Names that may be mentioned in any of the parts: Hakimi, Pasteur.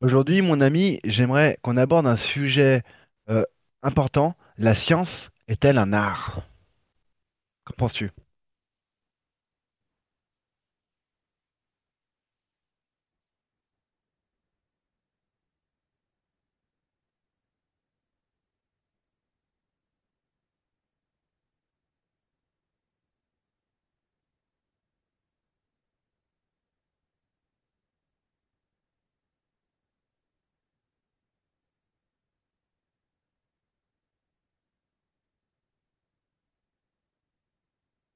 Aujourd'hui, mon ami, j'aimerais qu'on aborde un sujet euh, important. La science est-elle un art? Qu'en penses-tu?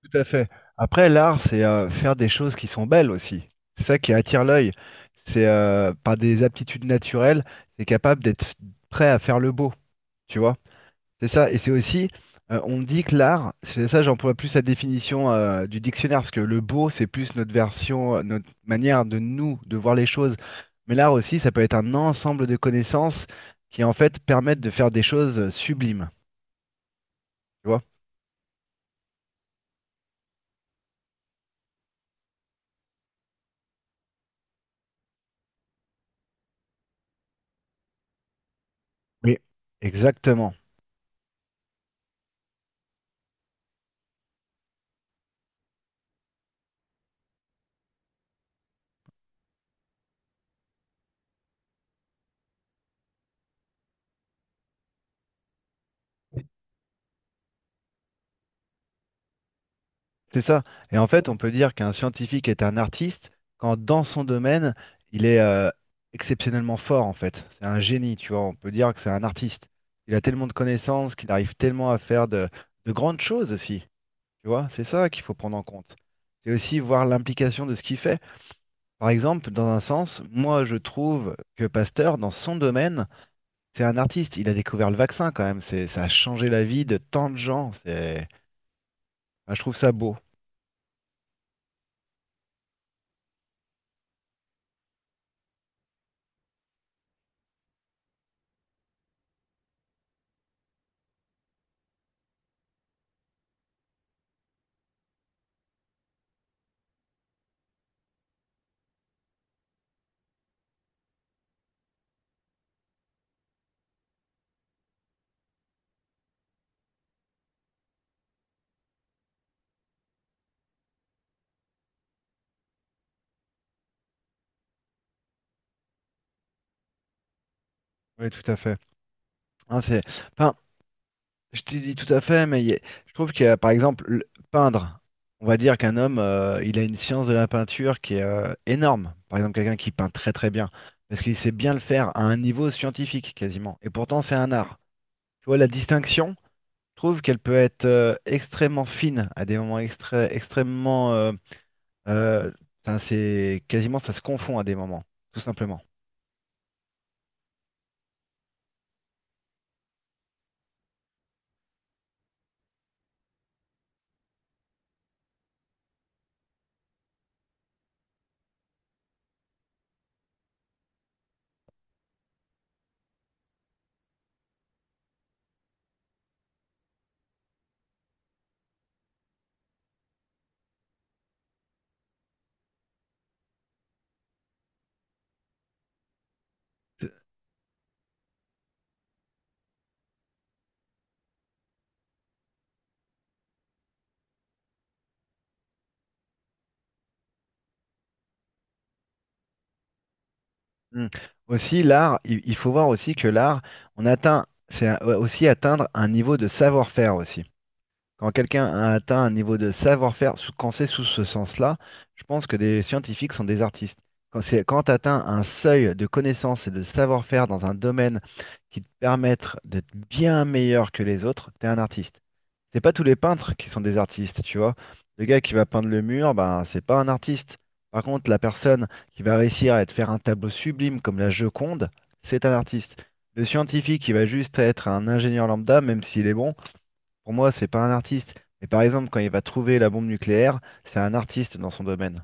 Tout à fait. Après, l'art, c'est faire des choses qui sont belles aussi. C'est ça qui attire l'œil. C'est par des aptitudes naturelles, c'est capable d'être prêt à faire le beau, tu vois? C'est ça, et c'est aussi, on dit que l'art, c'est ça, j'emploie plus la définition du dictionnaire, parce que le beau, c'est plus notre version, notre manière de nous, de voir les choses. Mais l'art aussi, ça peut être un ensemble de connaissances qui en fait permettent de faire des choses sublimes, tu vois? Oui, exactement. C'est ça. Et en fait, on peut dire qu'un scientifique est un artiste quand dans son domaine, il est exceptionnellement fort, en fait. C'est un génie, tu vois. On peut dire que c'est un artiste. Il a tellement de connaissances qu'il arrive tellement à faire de grandes choses aussi. Tu vois, c'est ça qu'il faut prendre en compte. C'est aussi voir l'implication de ce qu'il fait. Par exemple, dans un sens, moi, je trouve que Pasteur, dans son domaine, c'est un artiste. Il a découvert le vaccin quand même. C'est, ça a changé la vie de tant de gens. C'est, enfin, je trouve ça beau. Oui, tout à fait. Hein, c'est... Enfin, je t'ai dit tout à fait, mais je trouve que, par exemple, peindre, on va dire qu'un homme, il a une science de la peinture qui est énorme. Par exemple, quelqu'un qui peint très très bien, parce qu'il sait bien le faire à un niveau scientifique quasiment. Et pourtant, c'est un art. Tu vois, la distinction, je trouve qu'elle peut être extrêmement fine à des moments extrêmement... euh, enfin, c'est quasiment, ça se confond à des moments, tout simplement. Mm. Aussi, l'art, il faut voir aussi que l'art, on atteint, ouais, aussi atteindre un niveau de savoir-faire aussi. Quand quelqu'un a atteint un niveau de savoir-faire, quand c'est sous ce sens-là, je pense que des scientifiques sont des artistes. Quand c'est, quand tu atteins un seuil de connaissance et de savoir-faire dans un domaine qui te permettent d'être bien meilleur que les autres, tu es un artiste. C'est pas tous les peintres qui sont des artistes, tu vois. Le gars qui va peindre le mur, ben, c'est pas un artiste. Par contre, la personne qui va réussir à te faire un tableau sublime comme la Joconde, c'est un artiste. Le scientifique qui va juste être un ingénieur lambda, même s'il est bon, pour moi, c'est pas un artiste. Mais par exemple, quand il va trouver la bombe nucléaire, c'est un artiste dans son domaine.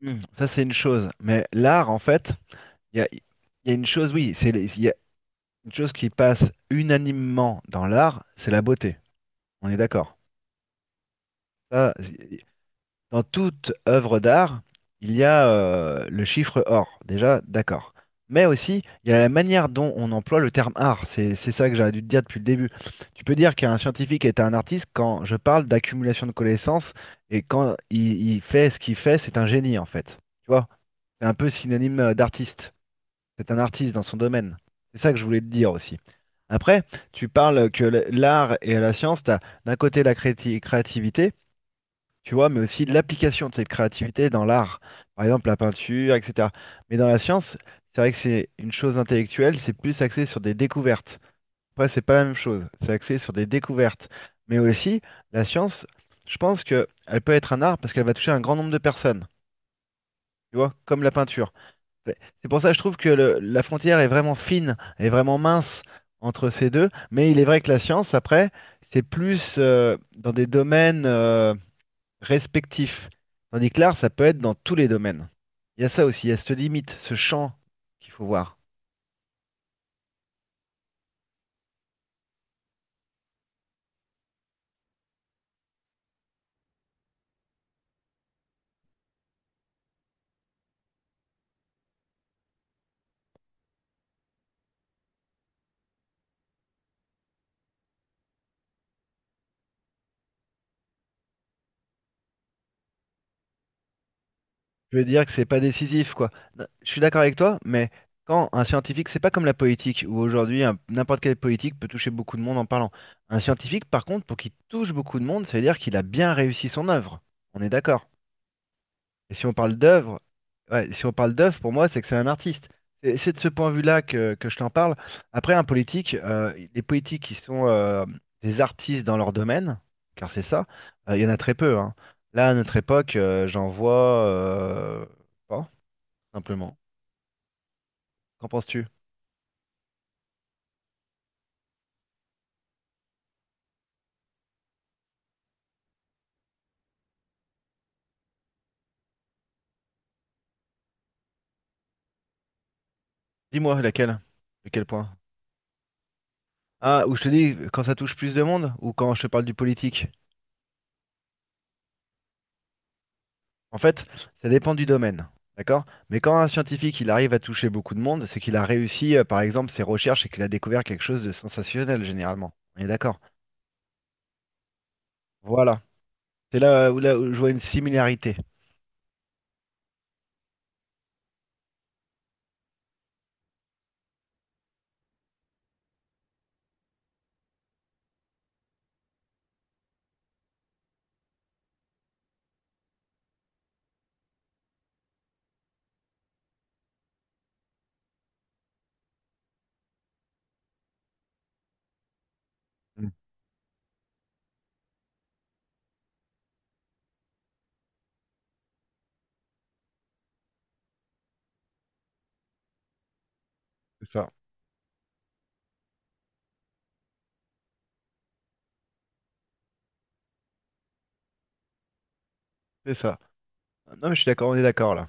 Hmm, ça, c'est une chose. Mais l'art, en fait, il y a une chose, oui, c'est, il y a une chose qui passe unanimement dans l'art, c'est la beauté. On est d'accord. Ça, dans toute œuvre d'art, il y a le chiffre or, déjà, d'accord. Mais aussi, il y a la manière dont on emploie le terme art. C'est ça que j'aurais dû te dire depuis le début. Tu peux dire qu'un scientifique est un artiste quand je parle d'accumulation de connaissances et quand il fait ce qu'il fait, c'est un génie en fait. Tu vois, c'est un peu synonyme d'artiste. C'est un artiste dans son domaine. C'est ça que je voulais te dire aussi. Après, tu parles que l'art et la science, tu as d'un côté la créativité, tu vois, mais aussi de l'application de cette créativité dans l'art, par exemple la peinture, etc. Mais dans la science, c'est vrai que c'est une chose intellectuelle, c'est plus axé sur des découvertes. Après, c'est pas la même chose, c'est axé sur des découvertes. Mais aussi, la science, je pense que elle peut être un art parce qu'elle va toucher un grand nombre de personnes, tu vois, comme la peinture. C'est c'est pour ça que je trouve que la frontière est vraiment fine, est vraiment mince entre ces deux. Mais il est vrai que la science, après, c'est plus dans des domaines. Respectif. Tandis que l'art, ça peut être dans tous les domaines. Il y a ça aussi, il y a cette limite, ce champ qu'il faut voir. Je veux dire que c'est pas décisif, quoi. Non, je suis d'accord avec toi, mais quand un scientifique, c'est pas comme la politique, où aujourd'hui n'importe quel politique peut toucher beaucoup de monde en parlant. Un scientifique, par contre, pour qu'il touche beaucoup de monde, ça veut dire qu'il a bien réussi son œuvre. On est d'accord. Et si on parle d'œuvre, ouais, si on parle d'œuvre, pour moi, c'est que c'est un artiste. Et c'est de ce point de vue-là que je t'en parle. Après, un politique, les politiques qui sont des artistes dans leur domaine, car c'est ça, il y en a très peu, hein. Là, à notre époque, j'en vois pas, simplement. Qu'en penses-tu? Dis-moi, laquelle? De quel point? Ah, ou je te dis quand ça touche plus de monde, ou quand je te parle du politique? En fait, ça dépend du domaine, d'accord? Mais quand un scientifique il arrive à toucher beaucoup de monde, c'est qu'il a réussi, par exemple, ses recherches et qu'il a découvert quelque chose de sensationnel, généralement. On est d'accord? Voilà. C'est là où je vois une similarité. Mm. C'est ça. C'est ça. Non, mais je suis d'accord, on est d'accord là.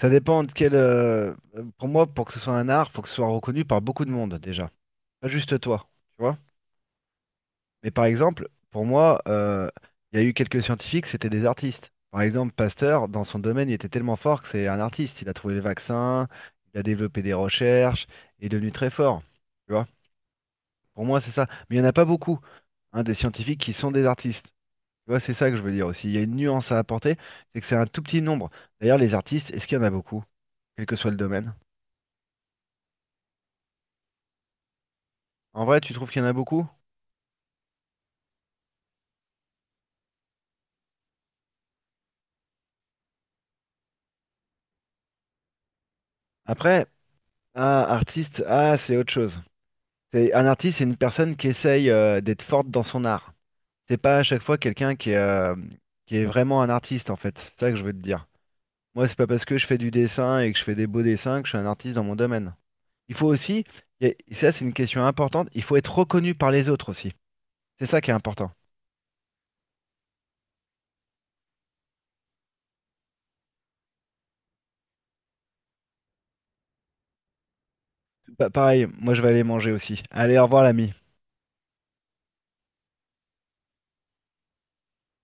Ça dépend de quel. Pour moi, pour que ce soit un art, faut que ce soit reconnu par beaucoup de monde déjà. Pas juste toi, tu vois? Mais par exemple, pour moi, il y a eu quelques scientifiques, c'était des artistes. Par exemple, Pasteur, dans son domaine, il était tellement fort que c'est un artiste. Il a trouvé le vaccin, il a développé des recherches, il est devenu très fort. Tu vois? Pour moi, c'est ça. Mais il n'y en a pas beaucoup, hein, des scientifiques qui sont des artistes. Tu vois, c'est ça que je veux dire aussi. Il y a une nuance à apporter, c'est que c'est un tout petit nombre. D'ailleurs, les artistes, est-ce qu'il y en a beaucoup, quel que soit le domaine? En vrai, tu trouves qu'il y en a beaucoup? Après, ah, artiste, ah, c'est autre chose. Un artiste, c'est une personne qui essaye d'être forte dans son art. C'est pas à chaque fois quelqu'un qui est vraiment un artiste, en fait. C'est ça que je veux te dire. Moi, c'est pas parce que je fais du dessin et que je fais des beaux dessins que je suis un artiste dans mon domaine. Il faut aussi, et ça c'est une question importante, il faut être reconnu par les autres aussi. C'est ça qui est important. Pareil, moi je vais aller manger aussi. Allez, au revoir l'ami.